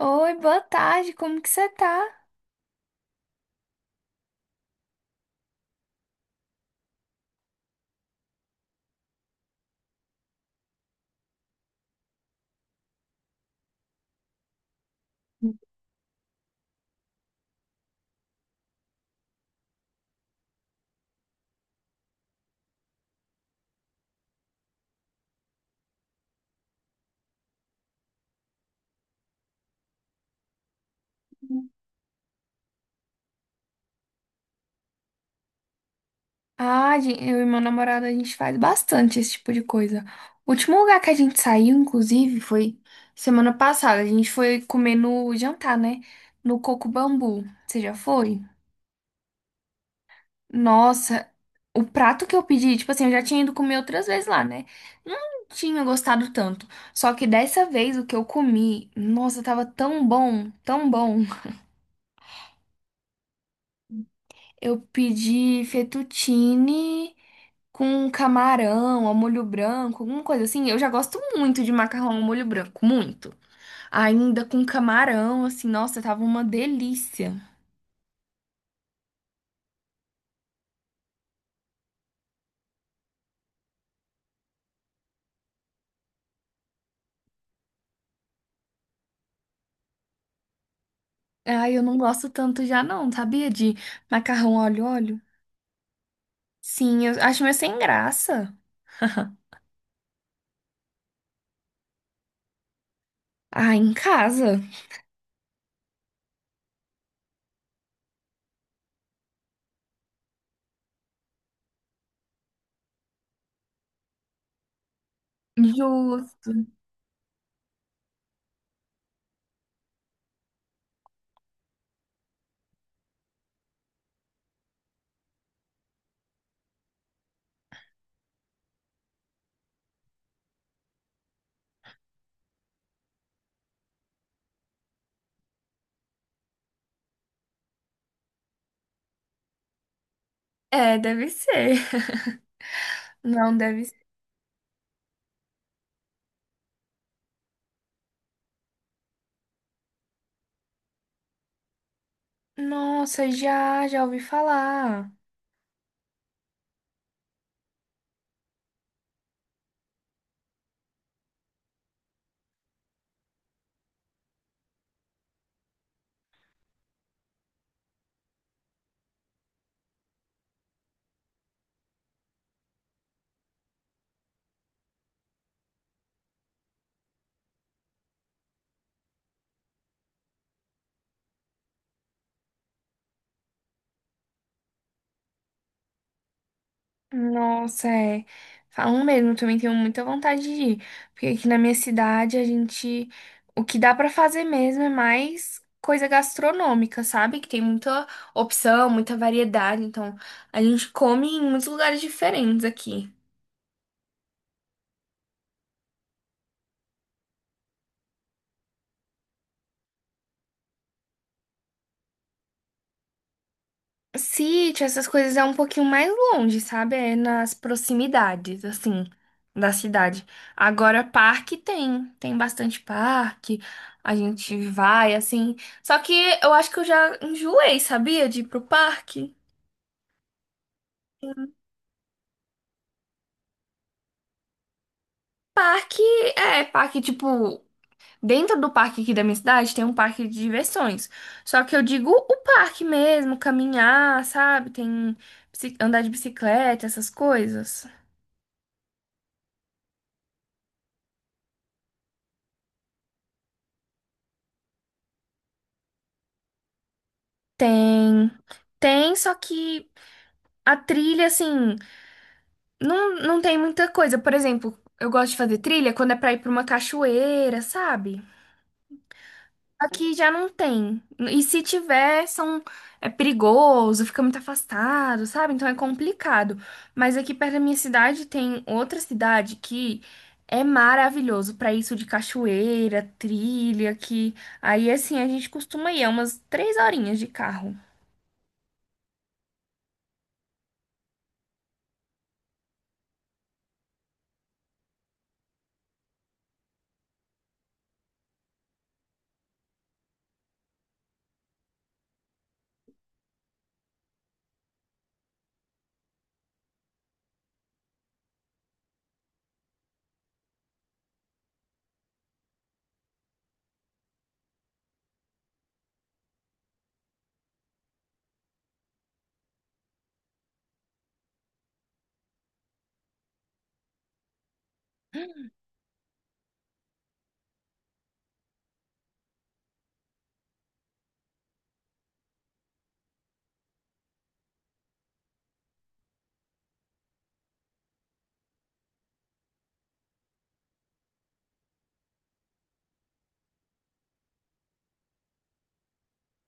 Oi, boa tarde, como que você tá? Eu e meu namorado, a gente faz bastante esse tipo de coisa. O último lugar que a gente saiu, inclusive, foi semana passada. A gente foi comer no jantar, né? No Coco Bambu. Você já foi? Nossa, o prato que eu pedi, tipo assim, eu já tinha ido comer outras vezes lá, né? Não tinha gostado tanto. Só que dessa vez o que eu comi, nossa, tava tão bom, tão bom. Eu pedi fettuccine com um camarão ao molho branco, alguma coisa assim. Eu já gosto muito de macarrão ao molho branco, muito. Ainda com camarão, assim, nossa, tava uma delícia. Ai, eu não gosto tanto já não, sabia? De macarrão óleo. Sim, eu acho meio sem graça. Ah, em casa? Justo. É, deve ser. Não, deve ser. Nossa, já, já ouvi falar. Nossa, é. Falam mesmo, também tenho muita vontade de ir. Porque aqui na minha cidade a gente. O que dá pra fazer mesmo é mais coisa gastronômica, sabe? Que tem muita opção, muita variedade. Então a gente come em muitos lugares diferentes aqui. Sítio, essas coisas é um pouquinho mais longe, sabe? É nas proximidades, assim, da cidade. Agora, parque tem, tem bastante parque, a gente vai, assim. Só que eu acho que eu já enjoei, sabia? De ir pro parque. Parque, é, parque, tipo, dentro do parque aqui da minha cidade tem um parque de diversões. Só que eu digo o parque mesmo, caminhar, sabe? Tem bici- andar de bicicleta, essas coisas. Tem, tem, só que a trilha, assim, não tem muita coisa. Por exemplo, eu gosto de fazer trilha quando é pra ir pra uma cachoeira, sabe? Aqui já não tem. E se tiver, são, é perigoso, fica muito afastado, sabe? Então é complicado. Mas aqui perto da minha cidade tem outra cidade que é maravilhoso pra isso de cachoeira, trilha, que aí assim a gente costuma ir, é umas três horinhas de carro.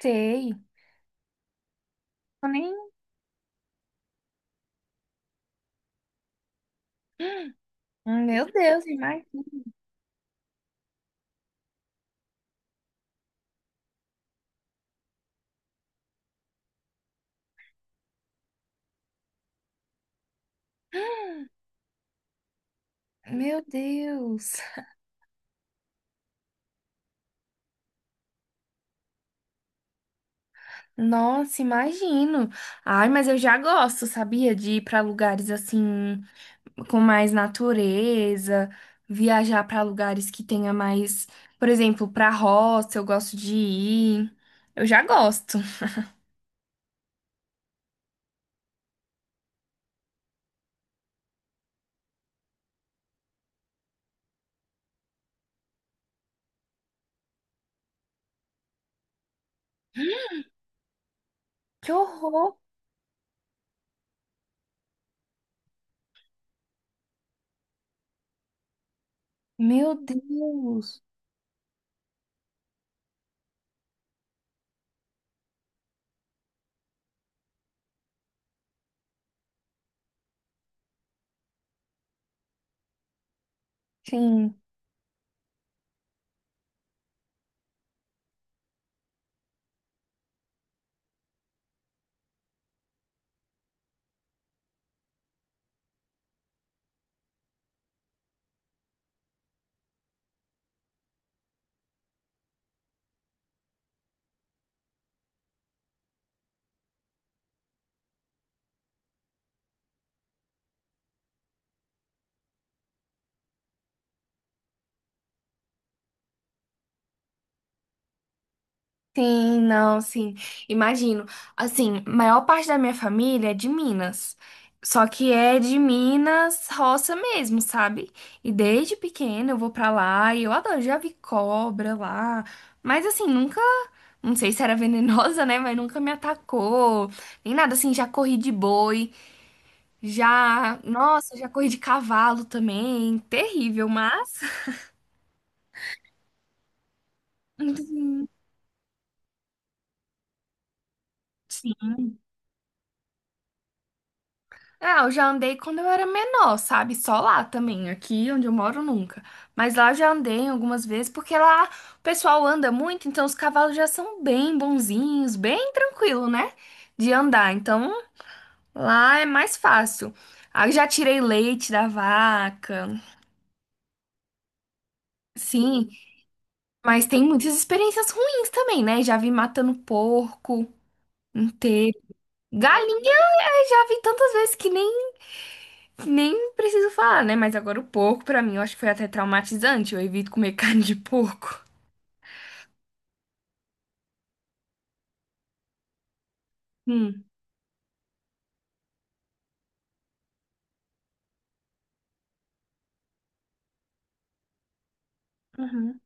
Sei. Ah, meu Deus, imagina. Meu Deus. Nossa, imagino. Ai, mas eu já gosto, sabia? De ir para lugares assim, com mais natureza, viajar para lugares que tenha mais, por exemplo, para roça, eu gosto de ir. Eu já gosto. Que horror! Meu Deus. Sim. Sim, não, sim. Imagino. Assim, maior parte da minha família é de Minas. Só que é de Minas roça mesmo, sabe? E desde pequena eu vou pra lá e eu adoro, já vi cobra lá. Mas assim, nunca, não sei se era venenosa, né? Mas nunca me atacou. Nem nada assim, já corri de boi, já, nossa, já corri de cavalo também. Terrível, mas ah, eu já andei quando eu era menor, sabe? Só lá também, aqui onde eu moro nunca. Mas lá eu já andei algumas vezes, porque lá o pessoal anda muito, então os cavalos já são bem bonzinhos, bem tranquilo, né? De andar. Então lá é mais fácil. Ah, eu já tirei leite da vaca, sim, mas tem muitas experiências ruins também, né? Já vi matando porco inteiro. Galinha, eu já vi tantas vezes que nem nem preciso falar, né? Mas agora o porco, pra mim, eu acho que foi até traumatizante. Eu evito comer carne de porco. Hum. Uhum.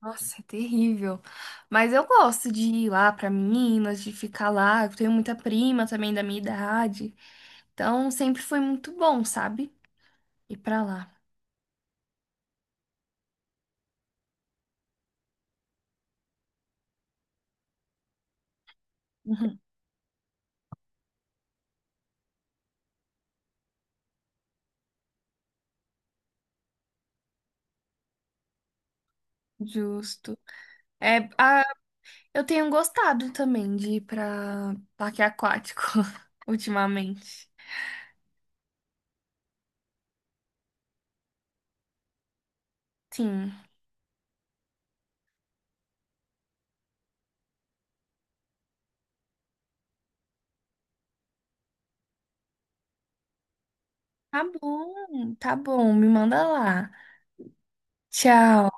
Nossa, é terrível. Mas eu gosto de ir lá pra Minas, de ficar lá. Eu tenho muita prima também da minha idade. Então, sempre foi muito bom, sabe? Ir pra lá. Uhum. Justo. É, ah, eu tenho gostado também de ir pra parque aquático ultimamente. Sim. Tá bom, tá bom. Me manda lá. Tchau.